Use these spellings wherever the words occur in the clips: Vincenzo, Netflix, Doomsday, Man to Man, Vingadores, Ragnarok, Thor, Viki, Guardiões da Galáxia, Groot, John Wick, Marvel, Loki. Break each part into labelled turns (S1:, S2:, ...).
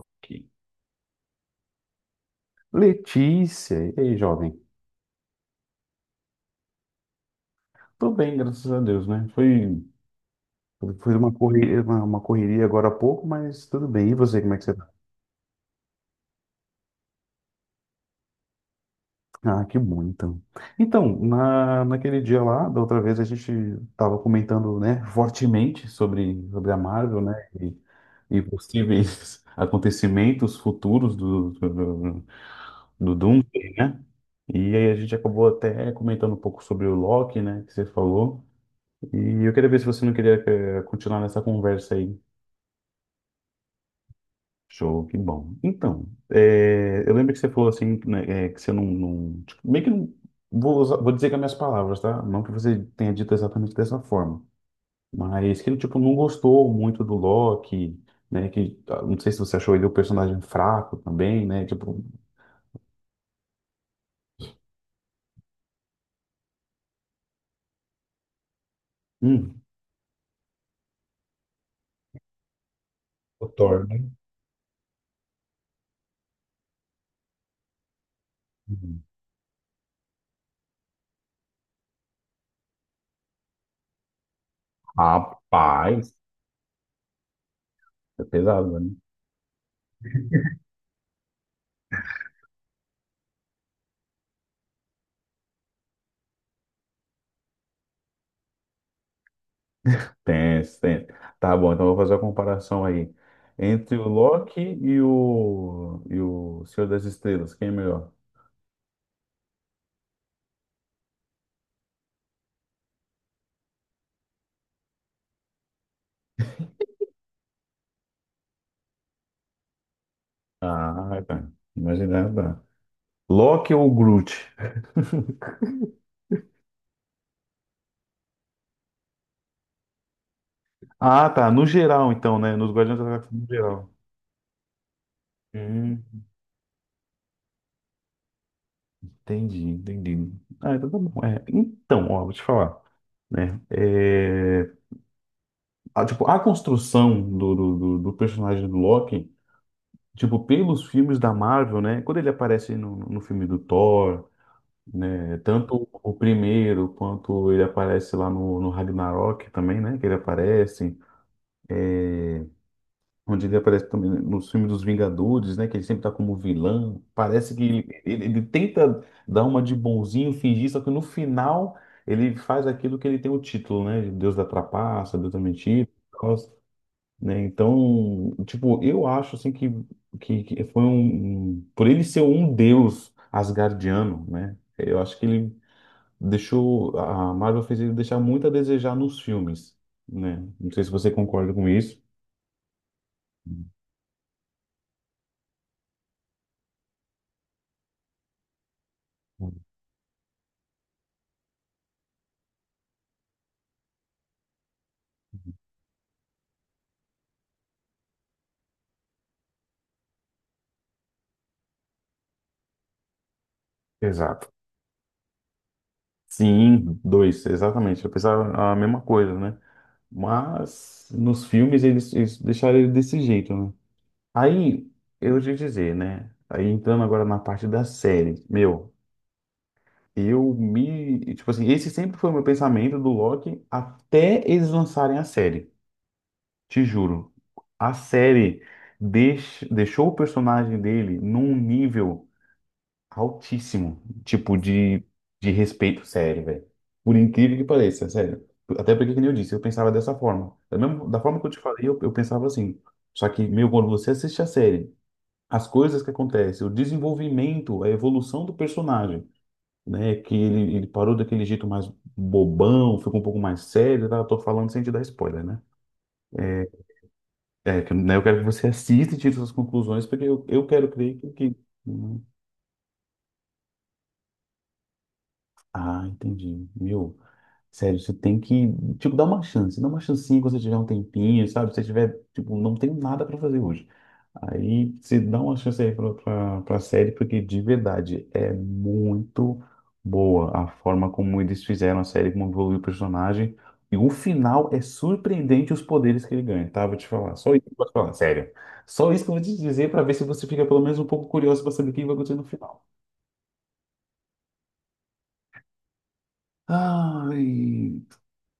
S1: Ok. Letícia, e aí, jovem? Tudo bem, graças a Deus, né? Foi uma correria, uma correria agora há pouco, mas tudo bem. E você, como é que você tá? Ah, que bom, então. Então, naquele dia lá, da outra vez, a gente estava comentando, né, fortemente sobre a Marvel, né? E, e possíveis acontecimentos futuros do Doomsday, né? E aí a gente acabou até comentando um pouco sobre o Loki, né, que você falou. E eu queria ver se você não queria continuar nessa conversa aí. Show, que bom. Então, eu lembro que você falou assim, né, que você não, tipo, meio que não, vou dizer com as minhas palavras, tá? Não que você tenha dito exatamente dessa forma, mas que ele, tipo, não gostou muito do Loki, né? Que, ah, não sei se você achou ele o personagem fraco também, né? Tipo, hum, O Thor, né? Uhum. Rapaz, é pesado, né? Tenso, tenso. Tá bom, então eu vou fazer a comparação aí. Entre o Loki e e o Senhor das Estrelas, quem é melhor? Ah, tá. Imaginando, tá. Loki ou Groot? Ah, tá. No geral, então, né? Nos Guardiões da Galáxia no geral. Hum, entendi, entendi. Ah, então tá bom. É, então, ó, vou te falar, né? É, tipo, a construção do personagem do Loki, tipo, pelos filmes da Marvel, né? Quando ele aparece no filme do Thor, né? Tanto o primeiro quanto ele aparece lá no Ragnarok também, né? Que ele aparece, onde ele aparece também nos filmes dos Vingadores, né? Que ele sempre tá como vilão. Parece que ele tenta dar uma de bonzinho, fingir, só que no final ele faz aquilo que ele tem o título, né? Deus da trapaça, Deus da mentira, e tal, né? Então, tipo, eu acho assim que, que foi por ele ser um deus asgardiano, né? Eu acho que ele deixou a Marvel fez ele deixar muito a desejar nos filmes, né? Não sei se você concorda com isso. Exato. Sim, dois, exatamente. Eu pensava a mesma coisa, né? Mas nos filmes eles deixaram ele desse jeito, né? Aí, eu te dizer, né? Aí entrando agora na parte da série, meu, eu me. Tipo assim, esse sempre foi o meu pensamento do Loki até eles lançarem a série. Te juro, a série deixou o personagem dele num nível altíssimo, tipo de respeito sério, velho. Por incrível que pareça, sério. Até porque, como eu disse, eu pensava dessa forma. Da forma que eu te falei, eu pensava assim. Só que, meu, quando você assiste a série, as coisas que acontecem, o desenvolvimento, a evolução do personagem, né? Que ele parou daquele jeito mais bobão, ficou um pouco mais sério, tá? Eu tô falando sem te dar spoiler, né? É, que, né, eu quero que você assista e tire suas conclusões, porque eu quero crer que, que... Hum. Ah, entendi. Meu, sério, você tem que, tipo, dar uma chance. Dá uma chancinha quando você tiver um tempinho, sabe? Se você tiver, tipo, não tem nada pra fazer hoje. Aí você dá uma chance aí pra série, porque de verdade é muito boa a forma como eles fizeram a série, como evoluiu o personagem. E o final é surpreendente os poderes que ele ganha, tá? Vou te falar. Só isso que eu vou te falar, sério. Só isso que eu vou te dizer pra ver se você fica pelo menos um pouco curioso pra saber o que vai acontecer no final. Ai.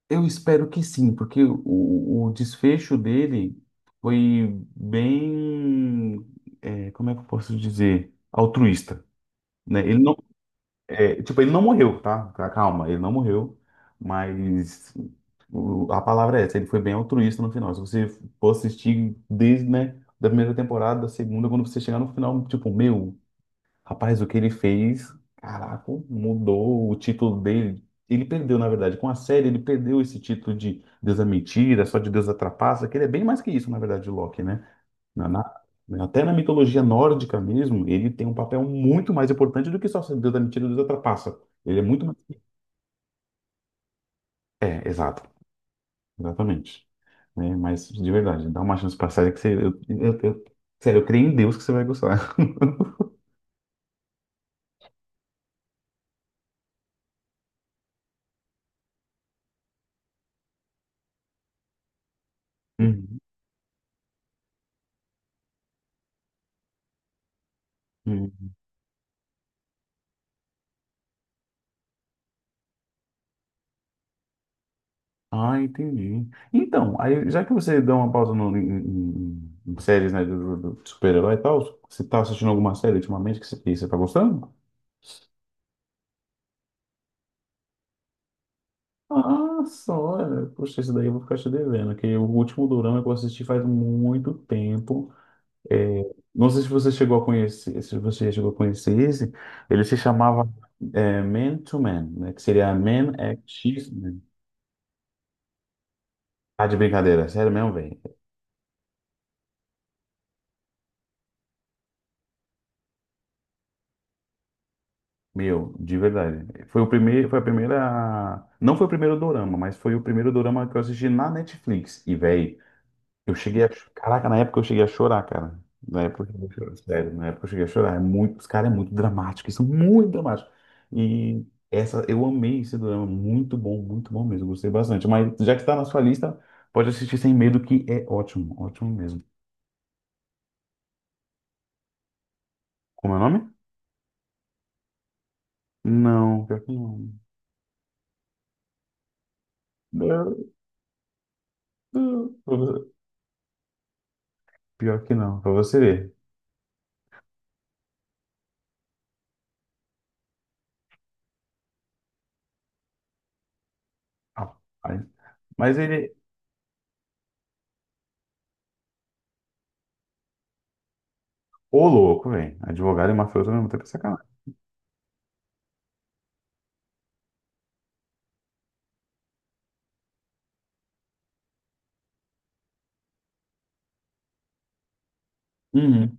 S1: Eu espero que sim, porque o desfecho dele foi bem, como é que eu posso dizer, altruísta, né? Ele não morreu, tá? Calma, ele não morreu, mas a palavra é essa, ele foi bem altruísta no final. Se você for assistir desde, né, da primeira temporada, da segunda, quando você chegar no final, tipo, meu, Rapaz, o que ele fez, caraca, mudou o título dele. Ele perdeu, na verdade, com a série, ele perdeu esse título de Deus é mentira, só de Deus a trapaça, que ele é bem mais que isso, na verdade, de Loki, né? Até na mitologia nórdica mesmo, ele tem um papel muito mais importante do que só ser Deus da mentira e Deus da trapaça. Ele é muito mais. É, exato, exatamente. Né? Mas, de verdade, dá uma chance pra série que você. Sério, eu creio em Deus que você vai gostar. Uhum, uhum. Ah, entendi. Então, aí, já que você deu uma pausa no, em, em- em séries, né, do super-herói e tal, você tá assistindo alguma série ultimamente que você tá gostando? Ah, só, olha, poxa, esse daí eu vou ficar te devendo, que o último dorama que eu assisti faz muito tempo. É, não sei se você chegou a conhecer, se você chegou a conhecer esse, ele se chamava Man to Man, né, que seria Man X Men. Tá de brincadeira, sério mesmo, velho. Meu, de verdade. Foi o primeiro, foi a primeira, não foi o primeiro dorama, mas foi o primeiro dorama que eu assisti na Netflix. E véi, eu cheguei a, caraca, na época eu cheguei a chorar, cara. Na época eu cheguei a chorar, sério, na época eu cheguei a chorar. É muito, os caras é muito dramático, isso é muito dramático. E eu amei esse dorama, muito bom mesmo, gostei bastante. Mas já que está na sua lista, pode assistir sem medo que é ótimo, ótimo mesmo. Como é o nome? Não, pior que não. Pior que não, pra você ver. Rapaz. Mas ele. Ô, louco, velho. Advogado e mafioso ao mesmo tempo é sacanagem. Uhum.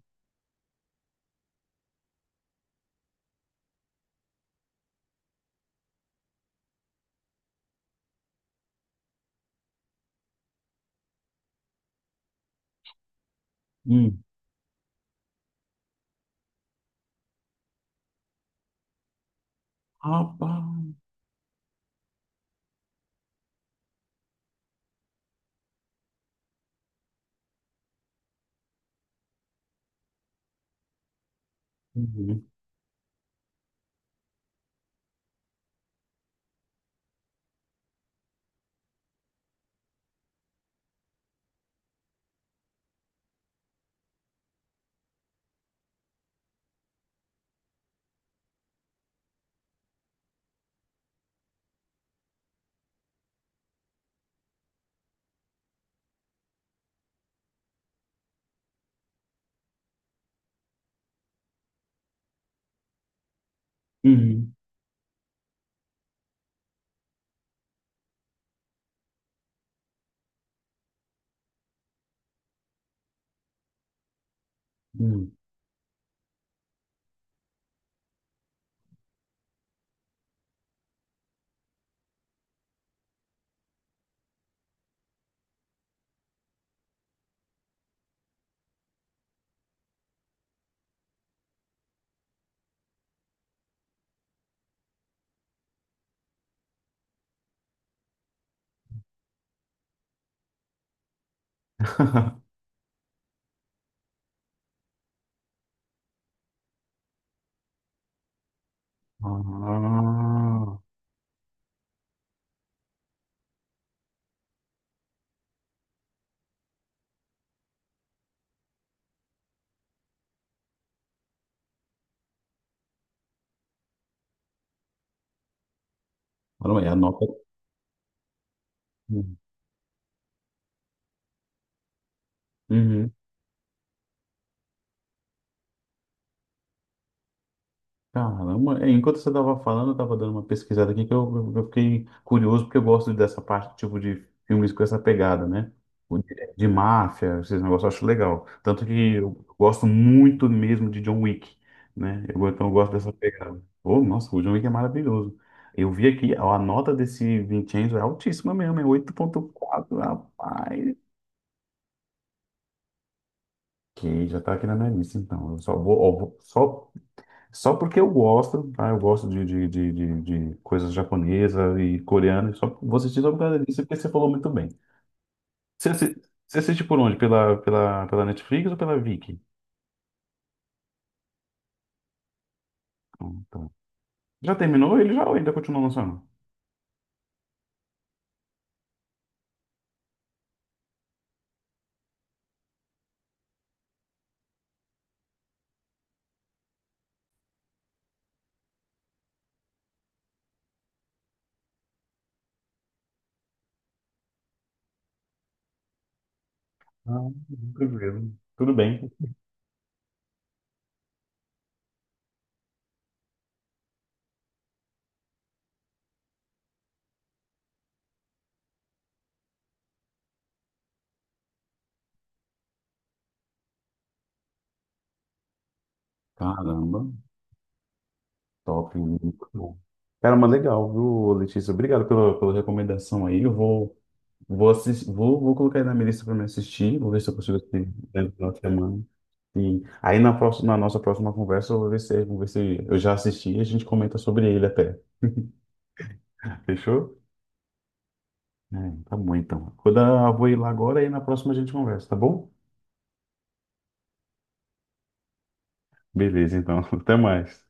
S1: Uhum. Rapaz. Uhum. Uhum. Uhum. Ah. Olha aí, anota. Uhum. Caramba, enquanto você estava falando, eu estava dando uma pesquisada aqui que eu fiquei curioso porque eu gosto dessa parte, tipo, de filmes com essa pegada, né? De máfia, esses negócios eu acho legal. Tanto que eu gosto muito mesmo de John Wick, né? Então eu gosto dessa pegada. Oh, nossa, o John Wick é maravilhoso. Eu vi aqui, ó, a nota desse Vincenzo é altíssima mesmo, é 8,4 rapaz. Que já tá aqui na minha lista, então. Eu só vou, ó, só. Só porque eu gosto, tá? Eu gosto de coisas japonesa e coreana. Só, vou assistir só por causa disso, porque você falou muito bem. Você, assi- você assiste por onde? Pela Netflix ou pela Viki? Tá. Já terminou ele já ou ainda continua lançando? Ah, tranquilo. Tudo bem. Caramba, top. Muito bom. Cara, mas legal, viu, Letícia? Obrigado pela recomendação aí. Eu vou assistir, vou colocar aí na minha lista para me assistir. Vou ver se eu consigo assistir dentro da semana. Sim. Aí na próxima, na nossa próxima conversa, eu vou ver se eu já assisti e a gente comenta sobre ele até. Fechou? É, tá bom então. Vou ir lá agora e na próxima a gente conversa, tá bom? Beleza, então. Até mais.